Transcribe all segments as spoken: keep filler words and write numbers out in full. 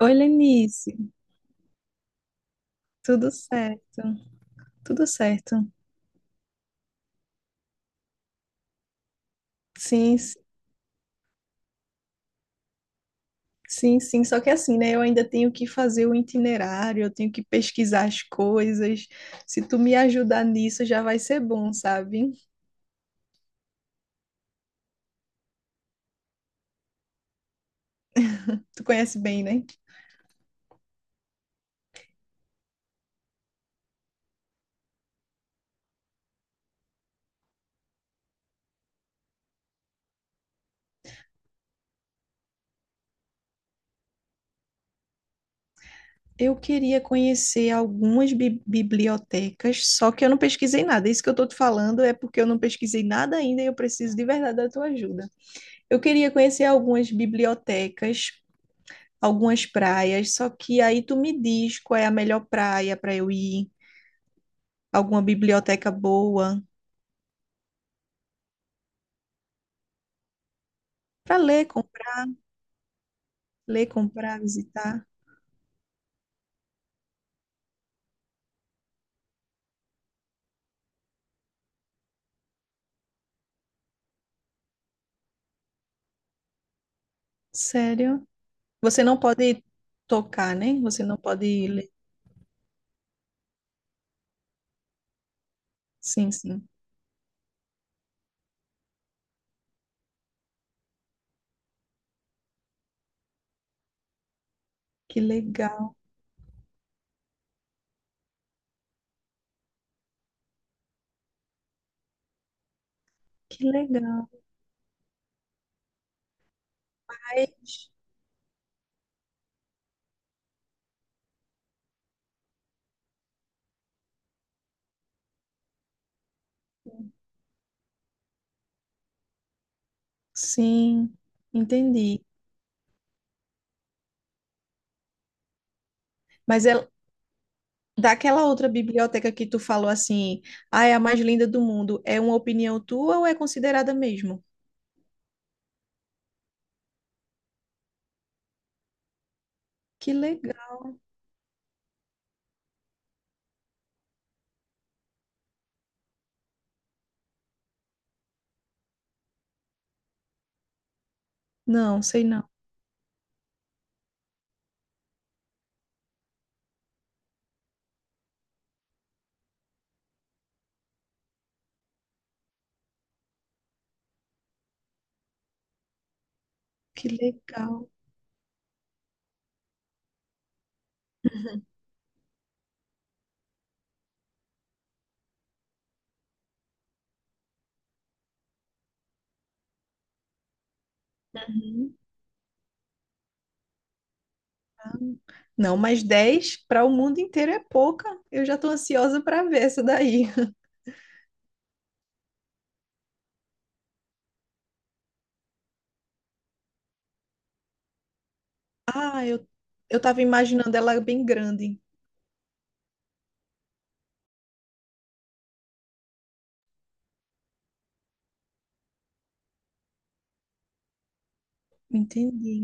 Oi, Lenice, tudo certo? Tudo certo. Sim, s- sim, sim. Só que assim, né? Eu ainda tenho que fazer o itinerário, eu tenho que pesquisar as coisas. Se tu me ajudar nisso, já vai ser bom, sabe? Tu conhece bem, né? Eu queria conhecer algumas bi- bibliotecas, só que eu não pesquisei nada. Isso que eu tô te falando é porque eu não pesquisei nada ainda e eu preciso de verdade da tua ajuda. Eu queria conhecer algumas bibliotecas algumas praias, só que aí tu me diz qual é a melhor praia para eu ir, alguma biblioteca boa para ler, comprar, ler, comprar, visitar. Sério? Você não pode tocar, né? Você não pode ler. Sim, sim. Que legal, que legal. Mas, sim, entendi. Mas é daquela outra biblioteca que tu falou assim, ah, é a mais linda do mundo. É uma opinião tua ou é considerada mesmo? Que legal. Não, sei não. Que legal. Uhum. Não, mas dez para o mundo inteiro é pouca. Eu já estou ansiosa para ver essa daí. Ah, eu, eu tava imaginando ela bem grande. Entendi.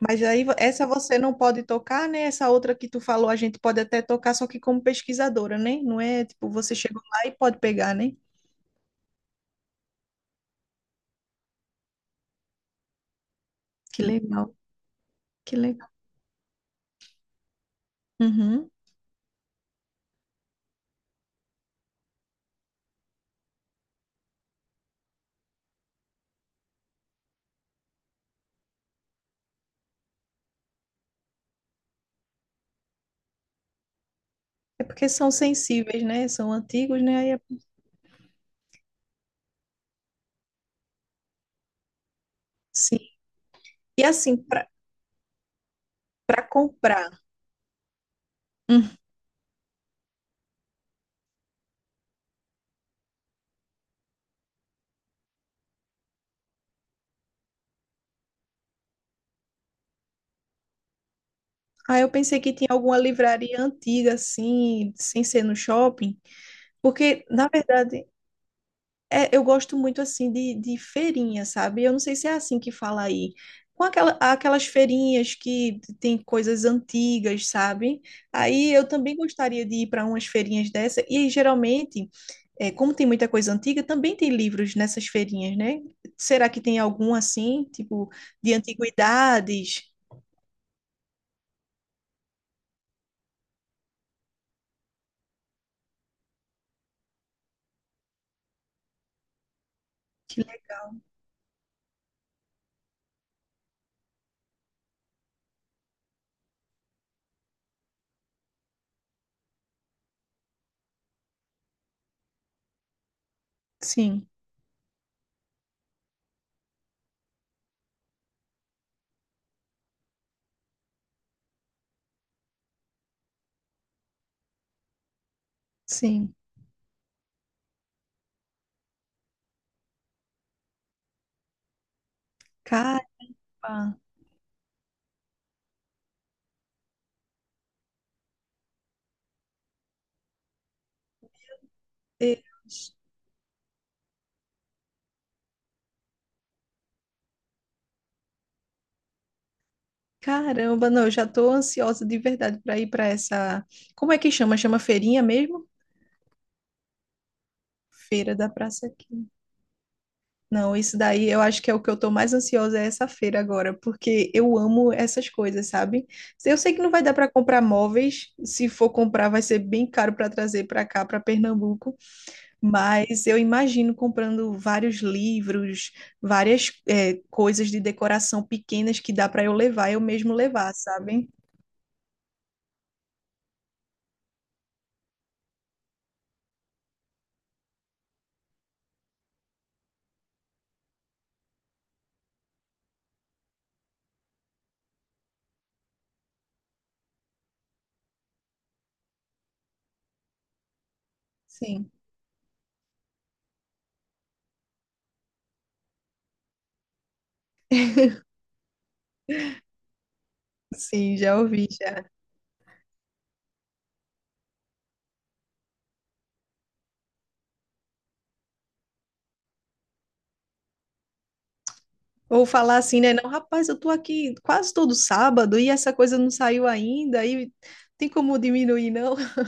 Mas aí vo- essa você não pode tocar, né? Essa outra que tu falou, a gente pode até tocar, só que como pesquisadora, né? Não é tipo, você chegou lá e pode pegar, né? Que legal, que legal. Uhum. É porque são sensíveis, né? São antigos, né? Aí é- Sim. E assim, para para comprar. Ah, eu pensei que tinha alguma livraria antiga, assim, sem ser no shopping, porque, na verdade, é, eu gosto muito, assim, de, de feirinha, sabe? Eu não sei se é assim que fala aí. Com aquela, aquelas feirinhas que tem coisas antigas, sabe? Aí eu também gostaria de ir para umas feirinhas dessa, e geralmente, é, como tem muita coisa antiga, também tem livros nessas feirinhas, né? Será que tem algum, assim, tipo, de antiguidades? Que le- Sim, sim. Caipa. Deus. Caramba, não, eu já tô ansiosa de verdade para ir para essa. Como é que chama? Chama feirinha mesmo? Feira da Praça aqui. Não, isso daí eu acho que é o que eu tô mais ansiosa é essa feira agora, porque eu amo essas coisas, sabe? Eu sei que não vai dar para comprar móveis, se for comprar vai ser bem caro para trazer para cá, para Pernambuco, mas eu imagino comprando vários livros, várias eh, coisas de decoração pequenas que dá para eu levar, eu mesmo levar, sabe? Sim. Sim, já ouvi, já. Ou falar assim, né? Não, rapaz, eu tô aqui quase todo sábado e essa coisa não saiu ainda, e tem como diminuir, não?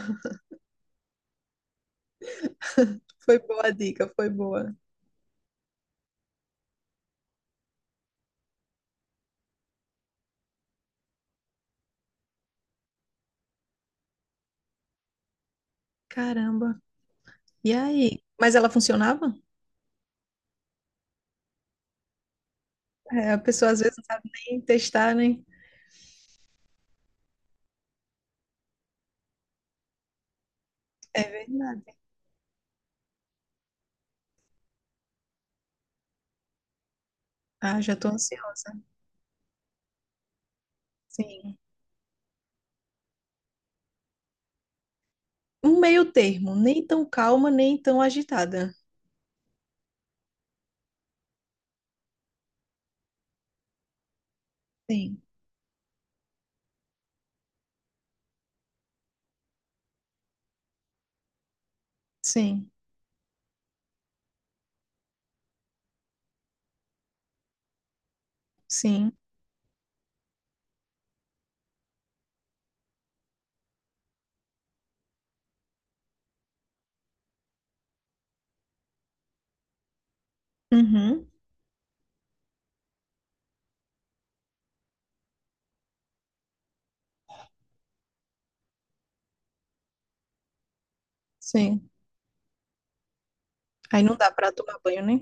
Foi boa a dica, foi boa. Caramba. E aí? Mas ela funcionava? É, a pessoa às vezes não sabe nem testar, né? É verdade. Ah, já tô ansiosa. Sim. Um meio termo, nem tão calma, nem tão agitada. Sim, sim, sim. Uhum, sim. Aí não dá pra tomar banho, né?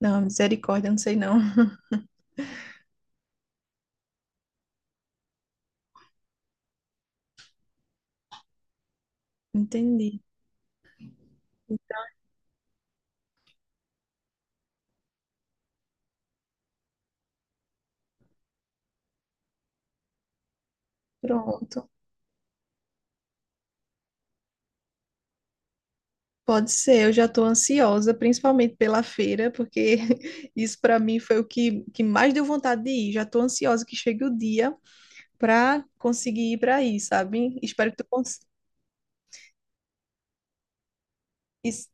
Não, misericórdia, não sei não. Entendi. Pronto. Pode ser, eu já estou ansiosa, principalmente pela feira, porque isso para mim foi o que, que mais deu vontade de ir. Já estou ansiosa que chegue o dia para conseguir ir para aí, sabe? Espero que tu cons is-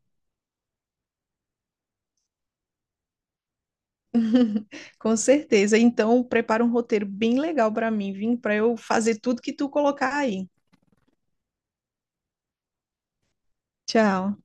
com certeza. Então, prepara um roteiro bem legal para mim, vim para eu fazer tudo que tu colocar aí. Tchau.